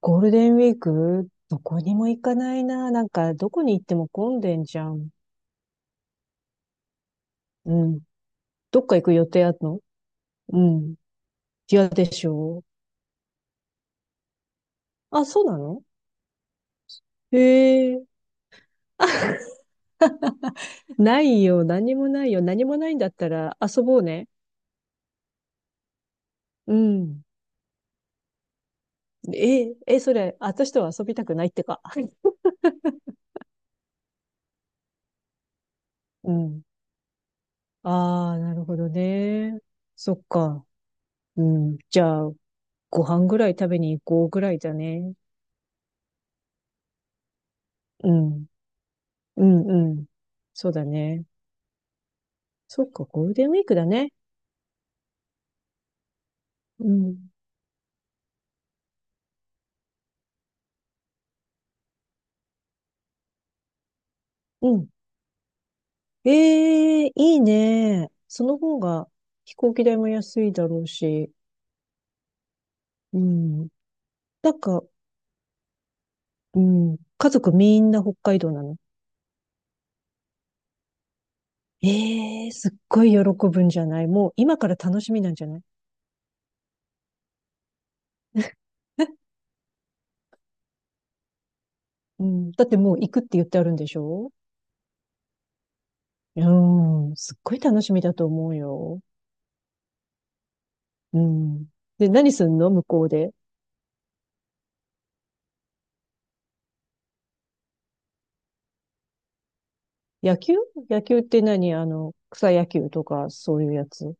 ゴールデンウィーク、どこにも行かないな。なんか、どこに行っても混んでんじゃん。うん。どっか行く予定あるの？うん。嫌でしょ？あ、そうなの？へえ。ないよ。何もないよ。何もないんだったら遊ぼうね。うん。え、え、それ、私とは遊びたくないってか。うん。ああ、なるほどね。そっか。うん。じゃあ、ご飯ぐらい食べに行こうぐらいだね。うん。うん、うん。そうだね。そっか、ゴールデンウィークだね。うん。うん。ええ、いいね。その方が飛行機代も安いだろうし。うん。なんか、うん。家族みんな北海道なの？ええ、すっごい喜ぶんじゃない？もう今から楽しみなんじゃない？うん。だってもう行くって言ってあるんでしょ？うん。すっごい楽しみだと思うよ。うん。で、何すんの向こうで。野球？野球って何、あの、草野球とかそういうやつ？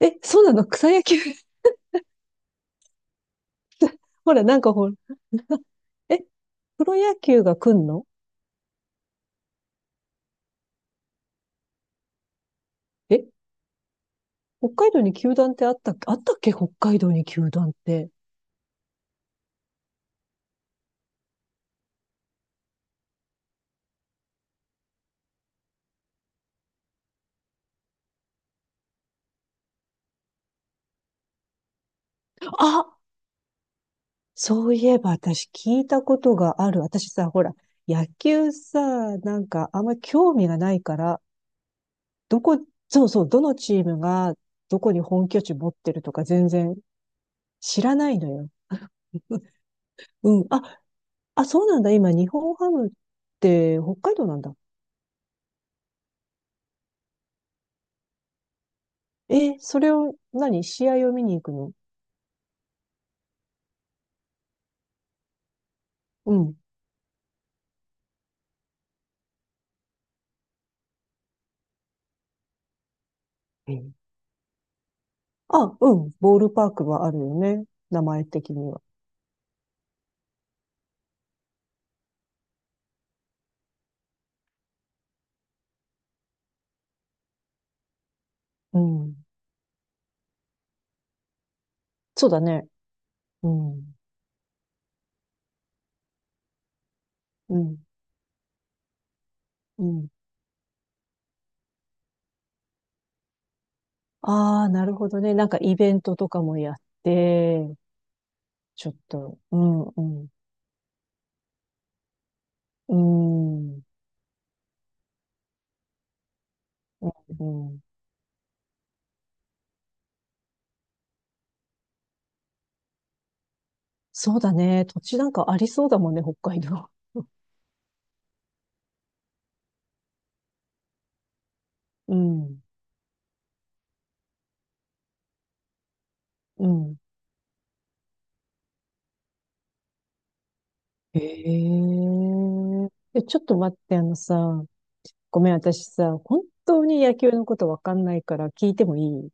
え、そうなの？草野球？ほら、なんかほら、え、プロ野球が来んの？え、北海道に球団ってあったっけ、あったっけ北海道に球団って。あ、そういえば私聞いたことがある。私さ、ほら、野球さ、なんかあんまり興味がないから、どこ、そうそう、どのチームがどこに本拠地持ってるとか全然知らないのよ。ううん。あ、あ、そうなんだ。今、日本ハムって北海道なんだ。え、それを、何試合を見に行くの？うん。あ、うん。ボールパークはあるよね。名前的には。うん。そうだね。うん。うん。うん。ああ、なるほどね。なんかイベントとかもやって、ちょっと、うん、うん。うん。うん、うん。そうだね。土地なんかありそうだもんね、北海道。うん。うん。へえ。え、ちょっと待って、あのさ、ごめん、私さ、本当に野球のことわかんないから聞いてもいい？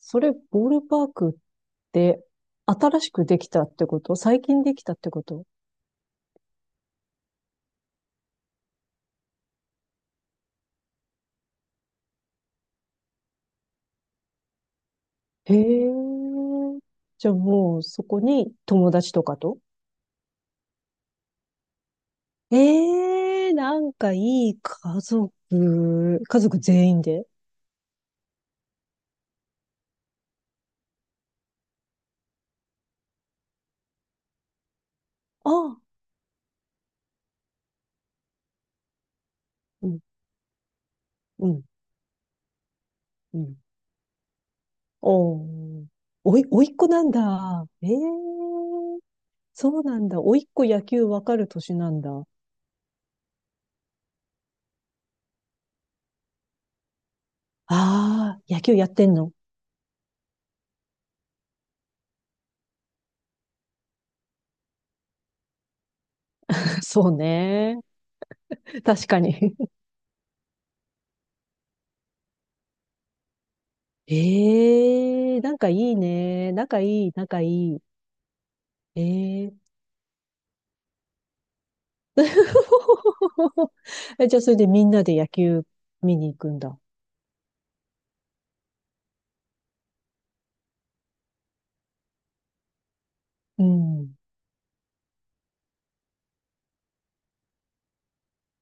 それ、ボールパークって新しくできたってこと？最近できたってこと？へえ。じゃあもうそこに友達とか？と、ええ、なんかいい、家族、家族全員で。ああ、うん、うん、うん。おー、おい、おいっ子なんだ。ええ、そうなんだ。おいっ子野球わかる年なんだ。ああ、野球やってんの？ そうね。確かに。ええ、仲いいね。仲いい、仲いい。ええ。 え、じゃあ、それでみんなで野球見に行くんだ。うん。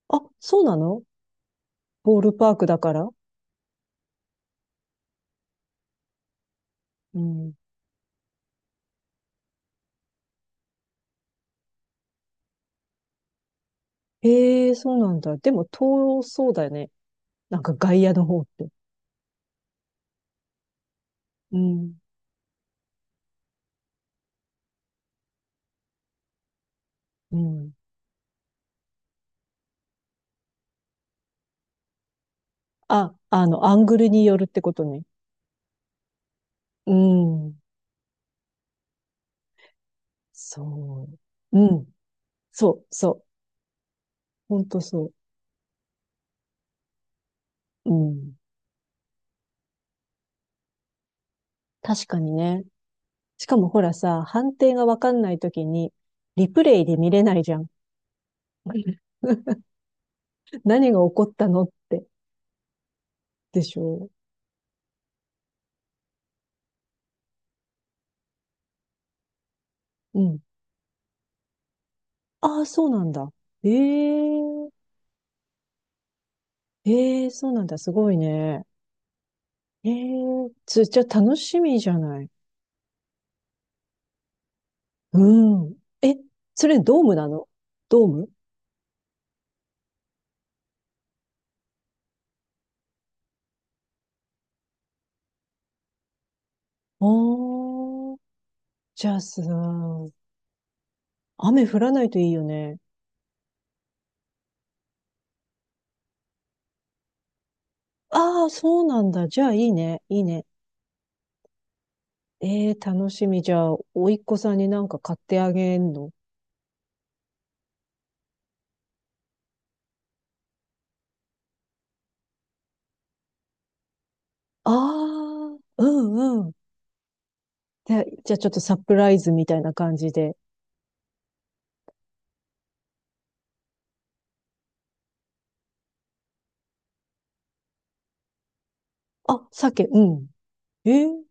あ、そうなの？ボールパークだから。うん。ええ、そうなんだ。でも、遠そうだよね。なんか外野の方って。うん。うん。あ、あの、アングルによるってことね。うん。そう。うん。そう、そう。ほんとそう。うん。確かにね。しかもほらさ、判定がわかんないときに、リプレイで見れないじゃん。何が起こったのって。でしょう？うん。ああ、そうなんだ。ええ、ええ、そうなんだ。すごいね。ええ、つ、じゃあ楽しみじゃない。うん。え、それドームなの？ドーム？ああー、じゃあさ、雨降らないといいよね。ああ、そうなんだ。じゃあいいね。いいね。ええ、楽しみ。じゃあ、甥っ子さんになんか買ってあげんの？ああ、うんうん。で、じゃあちょっとサプライズみたいな感じで。あ、鮭、うん。えー、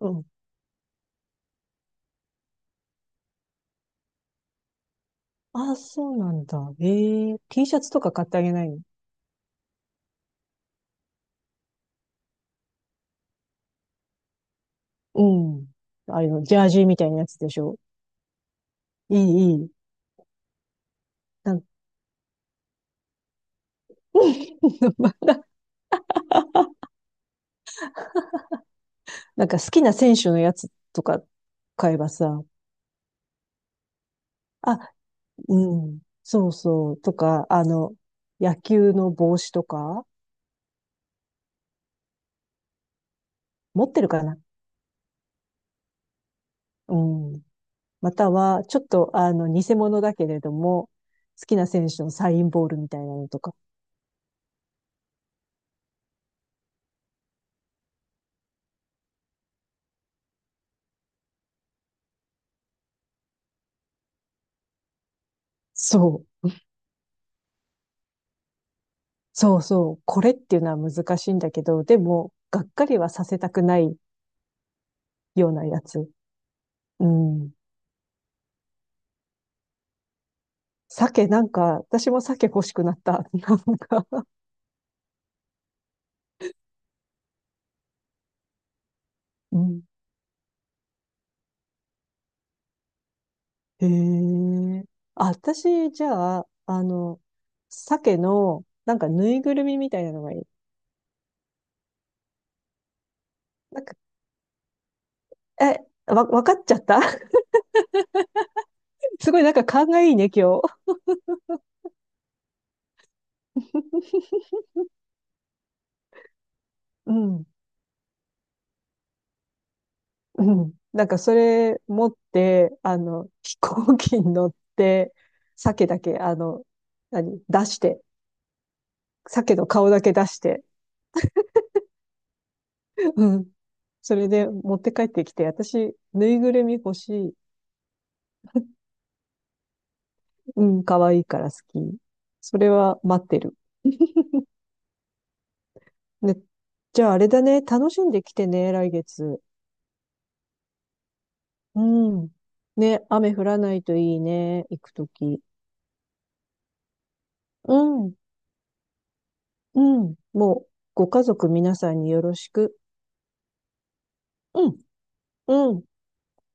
うん。あ、そうなんだ。えー、T シャツとか買ってあげないの？うん。あれの、ジャージーみたいなやつでしょ。いい、いい。なんか。 まだ、なんか好きな選手のやつとか買えばさ。あ、うん。そうそう。とか、あの、野球の帽子とか、持ってるかな？うん。または、ちょっと、あの、偽物だけれども、好きな選手のサインボールみたいなのとか。そう。そうそう。これっていうのは難しいんだけど、でも、がっかりはさせたくないようなやつ。うん。鮭、なんか、私も鮭欲しくなった。なんか、うん。へえ。あ、私、じゃあ、あの、鮭の、なんかぬいぐるみみたいなのがいい。なんか、え、わ、わかっちゃった。 すごいなんか勘がいいね、今日。うん。うん。なんかそれ持って、あの、飛行機に乗って、鮭だけ、あの、何、出して、鮭の顔だけ出して、うん。それで持って帰ってきて、私、ぬいぐるみ欲しい。うん、可愛いから好き。それは待ってる。ね、じゃああれだね、楽しんできてね、来月。うん。ね、雨降らないといいね、行くとき。うん、うん。もう、ご家族皆さんによろしく。うん、うん。